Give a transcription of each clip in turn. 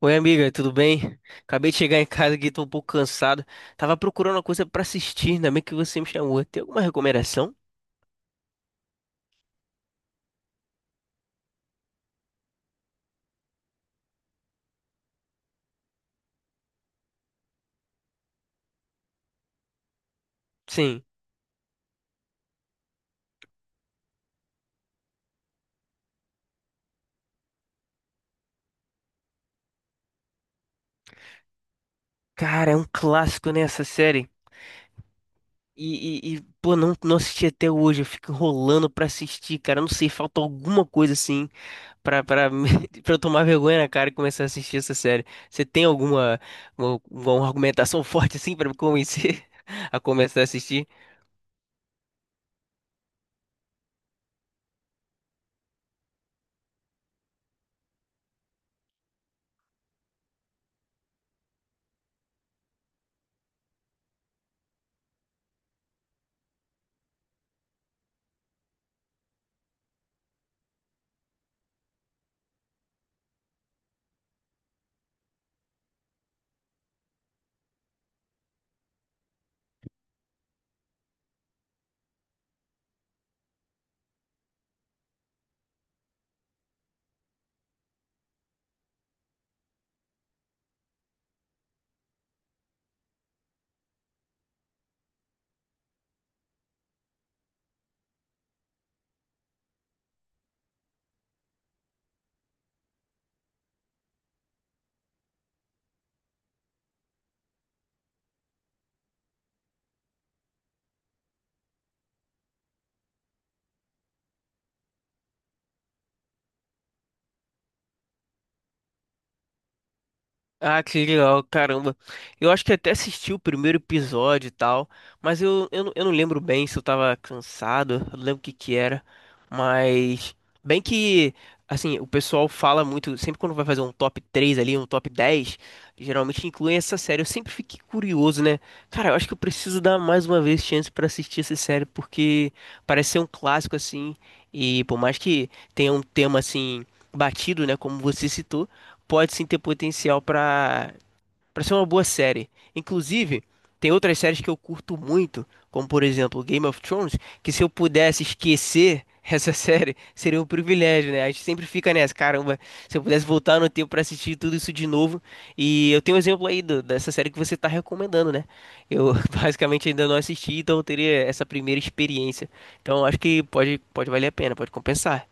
Oi, amiga, tudo bem? Acabei de chegar em casa aqui, tô um pouco cansado. Tava procurando uma coisa pra assistir, ainda bem que você me chamou. Tem alguma recomendação? Sim. Cara, é um clássico, né, essa série. Pô, não assisti até hoje, eu fico enrolando pra assistir, cara. Eu não sei, falta alguma coisa assim pra, pra, me- pra eu tomar vergonha na cara e começar a assistir essa série. Você tem uma argumentação forte assim pra me convencer a começar a assistir? Ah, que legal, caramba. Eu acho que até assisti o primeiro episódio e tal, mas eu não lembro bem se eu tava cansado, eu não lembro o que que era, mas bem que, assim, o pessoal fala muito, sempre quando vai fazer um top 3 ali, um top 10, geralmente incluem essa série. Eu sempre fiquei curioso, né? Cara, eu acho que eu preciso dar mais uma vez chance pra assistir essa série, porque parece ser um clássico, assim, e por mais que tenha um tema, assim, batido, né, como você citou, pode sim ter potencial para ser uma boa série. Inclusive, tem outras séries que eu curto muito, como por exemplo Game of Thrones, que se eu pudesse esquecer essa série, seria um privilégio, né? A gente sempre fica nessa, caramba, se eu pudesse voltar no tempo para assistir tudo isso de novo. E eu tenho um exemplo aí dessa série que você tá recomendando, né? Eu basicamente ainda não assisti, então eu teria essa primeira experiência. Então acho que pode valer a pena, pode compensar.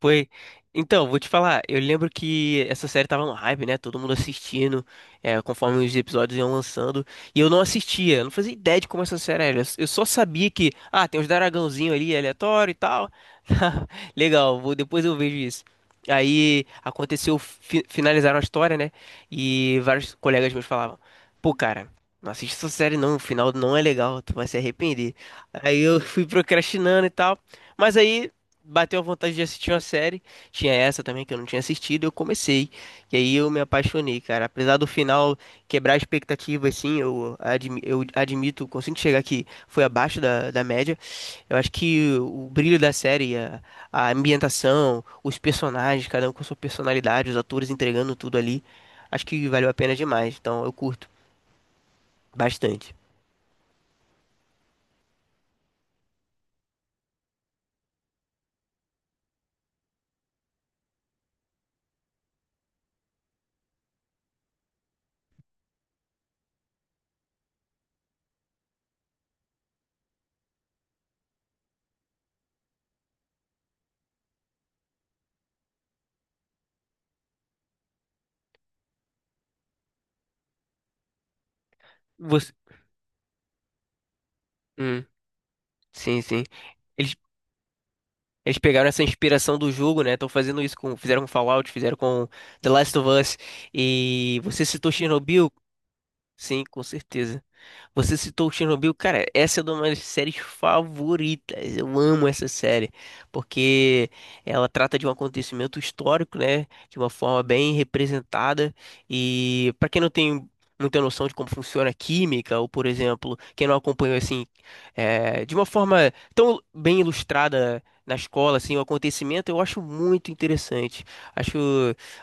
Foi. Então, vou te falar, eu lembro que essa série tava no hype, né? Todo mundo assistindo, conforme os episódios iam lançando. E eu não assistia, eu não fazia ideia de como essa série era. Eu só sabia que, ah, tem uns dragãozinhos ali aleatório e tal. Legal, vou, depois eu vejo isso. Aí aconteceu, finalizaram a história, né? E vários colegas meus falavam: pô, cara, não assiste essa série não, o final não é legal, tu vai se arrepender. Aí eu fui procrastinando e tal. Mas aí bateu a vontade de assistir uma série. Tinha essa também que eu não tinha assistido, eu comecei. E aí eu me apaixonei, cara. Apesar do final quebrar a expectativa, assim, eu, eu admito, consigo chegar que foi abaixo da média. Eu acho que o brilho da série, a ambientação, os personagens, cada um com sua personalidade, os atores entregando tudo ali, acho que valeu a pena demais. Então eu curto bastante. Você... Hum, sim, sim. Eles Eles pegaram essa inspiração do jogo, né? Estão fazendo isso com, fizeram com Fallout, fizeram com The Last of Us. E você citou Chernobyl? Sim, com certeza. Você citou Chernobyl, cara, essa é uma das minhas séries favoritas. Eu amo essa série, porque ela trata de um acontecimento histórico, né? De uma forma bem representada. E pra quem não tem muita noção de como funciona a química, ou por exemplo, quem não acompanhou assim, de uma forma tão bem ilustrada na escola, assim, o acontecimento, eu acho muito interessante. Acho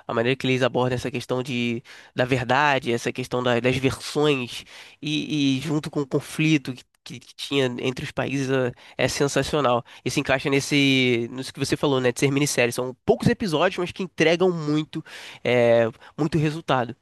a maneira que eles abordam essa questão de, da verdade, essa questão das versões e junto com o conflito que tinha entre os países é sensacional. E se encaixa nesse, nisso que você falou, né, de ser minissérie. São poucos episódios, mas que entregam muito, é, muito resultado.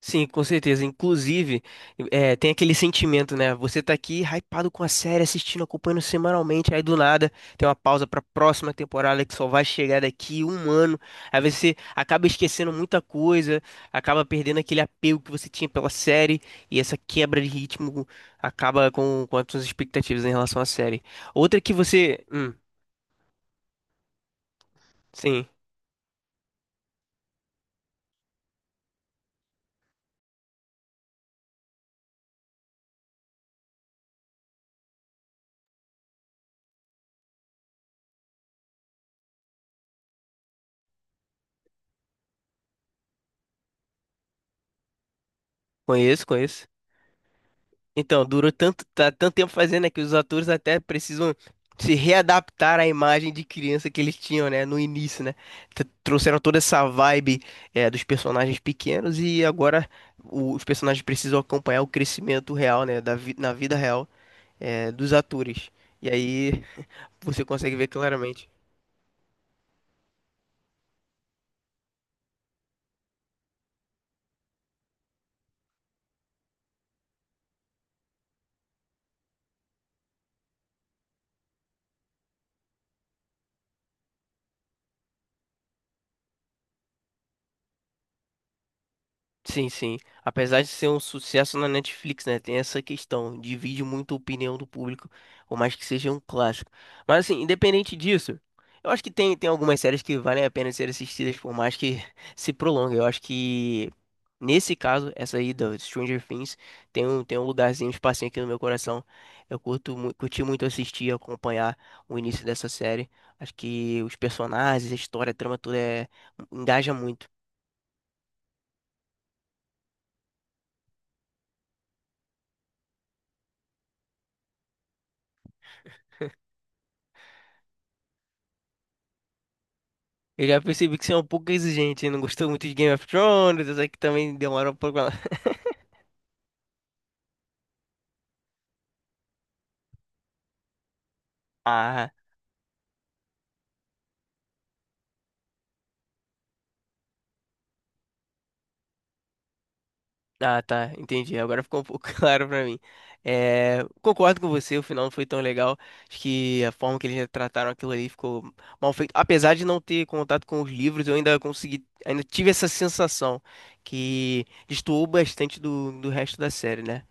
Sim, com certeza. Inclusive, tem aquele sentimento, né? Você tá aqui hypado com a série, assistindo, acompanhando semanalmente, aí do nada tem uma pausa pra próxima temporada que só vai chegar daqui um ano. Aí você acaba esquecendo muita coisa, acaba perdendo aquele apego que você tinha pela série, e essa quebra de ritmo acaba com as suas expectativas em relação à série. Outra que você. Sim, conheço, conheço. Então, tanto tempo fazendo, né, que os atores até precisam se readaptar à imagem de criança que eles tinham, né, no início, né? Trouxeram toda essa vibe, dos personagens pequenos e agora os personagens precisam acompanhar o crescimento real, né, na vida real, dos atores. E aí você consegue ver claramente. Sim, sim. Apesar de ser um sucesso na Netflix, né? Tem essa questão. Divide muito a opinião do público, por mais que seja um clássico. Mas, assim, independente disso, eu acho que tem algumas séries que valem a pena ser assistidas, por mais que se prolongue. Eu acho que, nesse caso, essa aí do Stranger Things tem tem um lugarzinho, um espacinho aqui no meu coração. Eu curto, curti muito assistir, acompanhar o início dessa série. Acho que os personagens, a história, a trama, tudo é, engaja muito. Eu já percebi que você é um pouco exigente, hein? Não gostou muito de Game of Thrones, eu sei que também demora um pouco. Ah, ah, tá, entendi. Agora ficou um pouco claro pra mim. É, concordo com você, o final não foi tão legal. Acho que a forma que eles trataram aquilo ali ficou mal feito. Apesar de não ter contato com os livros, eu ainda consegui, ainda tive essa sensação que destoou bastante do resto da série, né?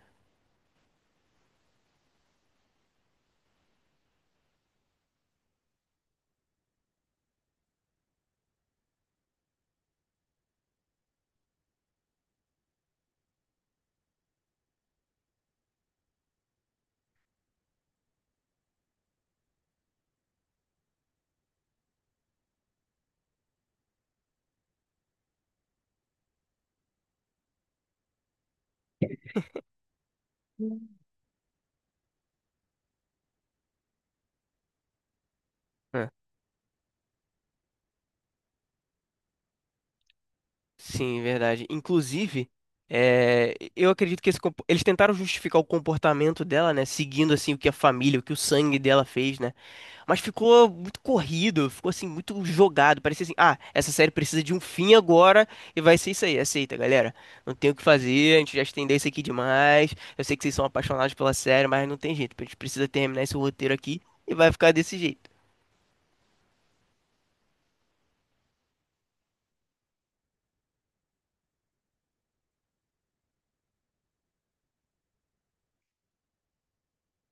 Sim, verdade. Inclusive, eu acredito que esse eles tentaram justificar o comportamento dela, né? Seguindo assim o que a família, o que o sangue dela fez, né? Mas ficou muito corrido, ficou assim muito jogado. Parecia assim, ah, essa série precisa de um fim agora e vai ser isso aí. Aceita, galera. Não tem o que fazer. A gente já estendeu isso aqui demais. Eu sei que vocês são apaixonados pela série, mas não tem jeito. A gente precisa terminar esse roteiro aqui e vai ficar desse jeito.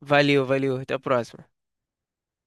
Valeu, valeu. Até a próxima.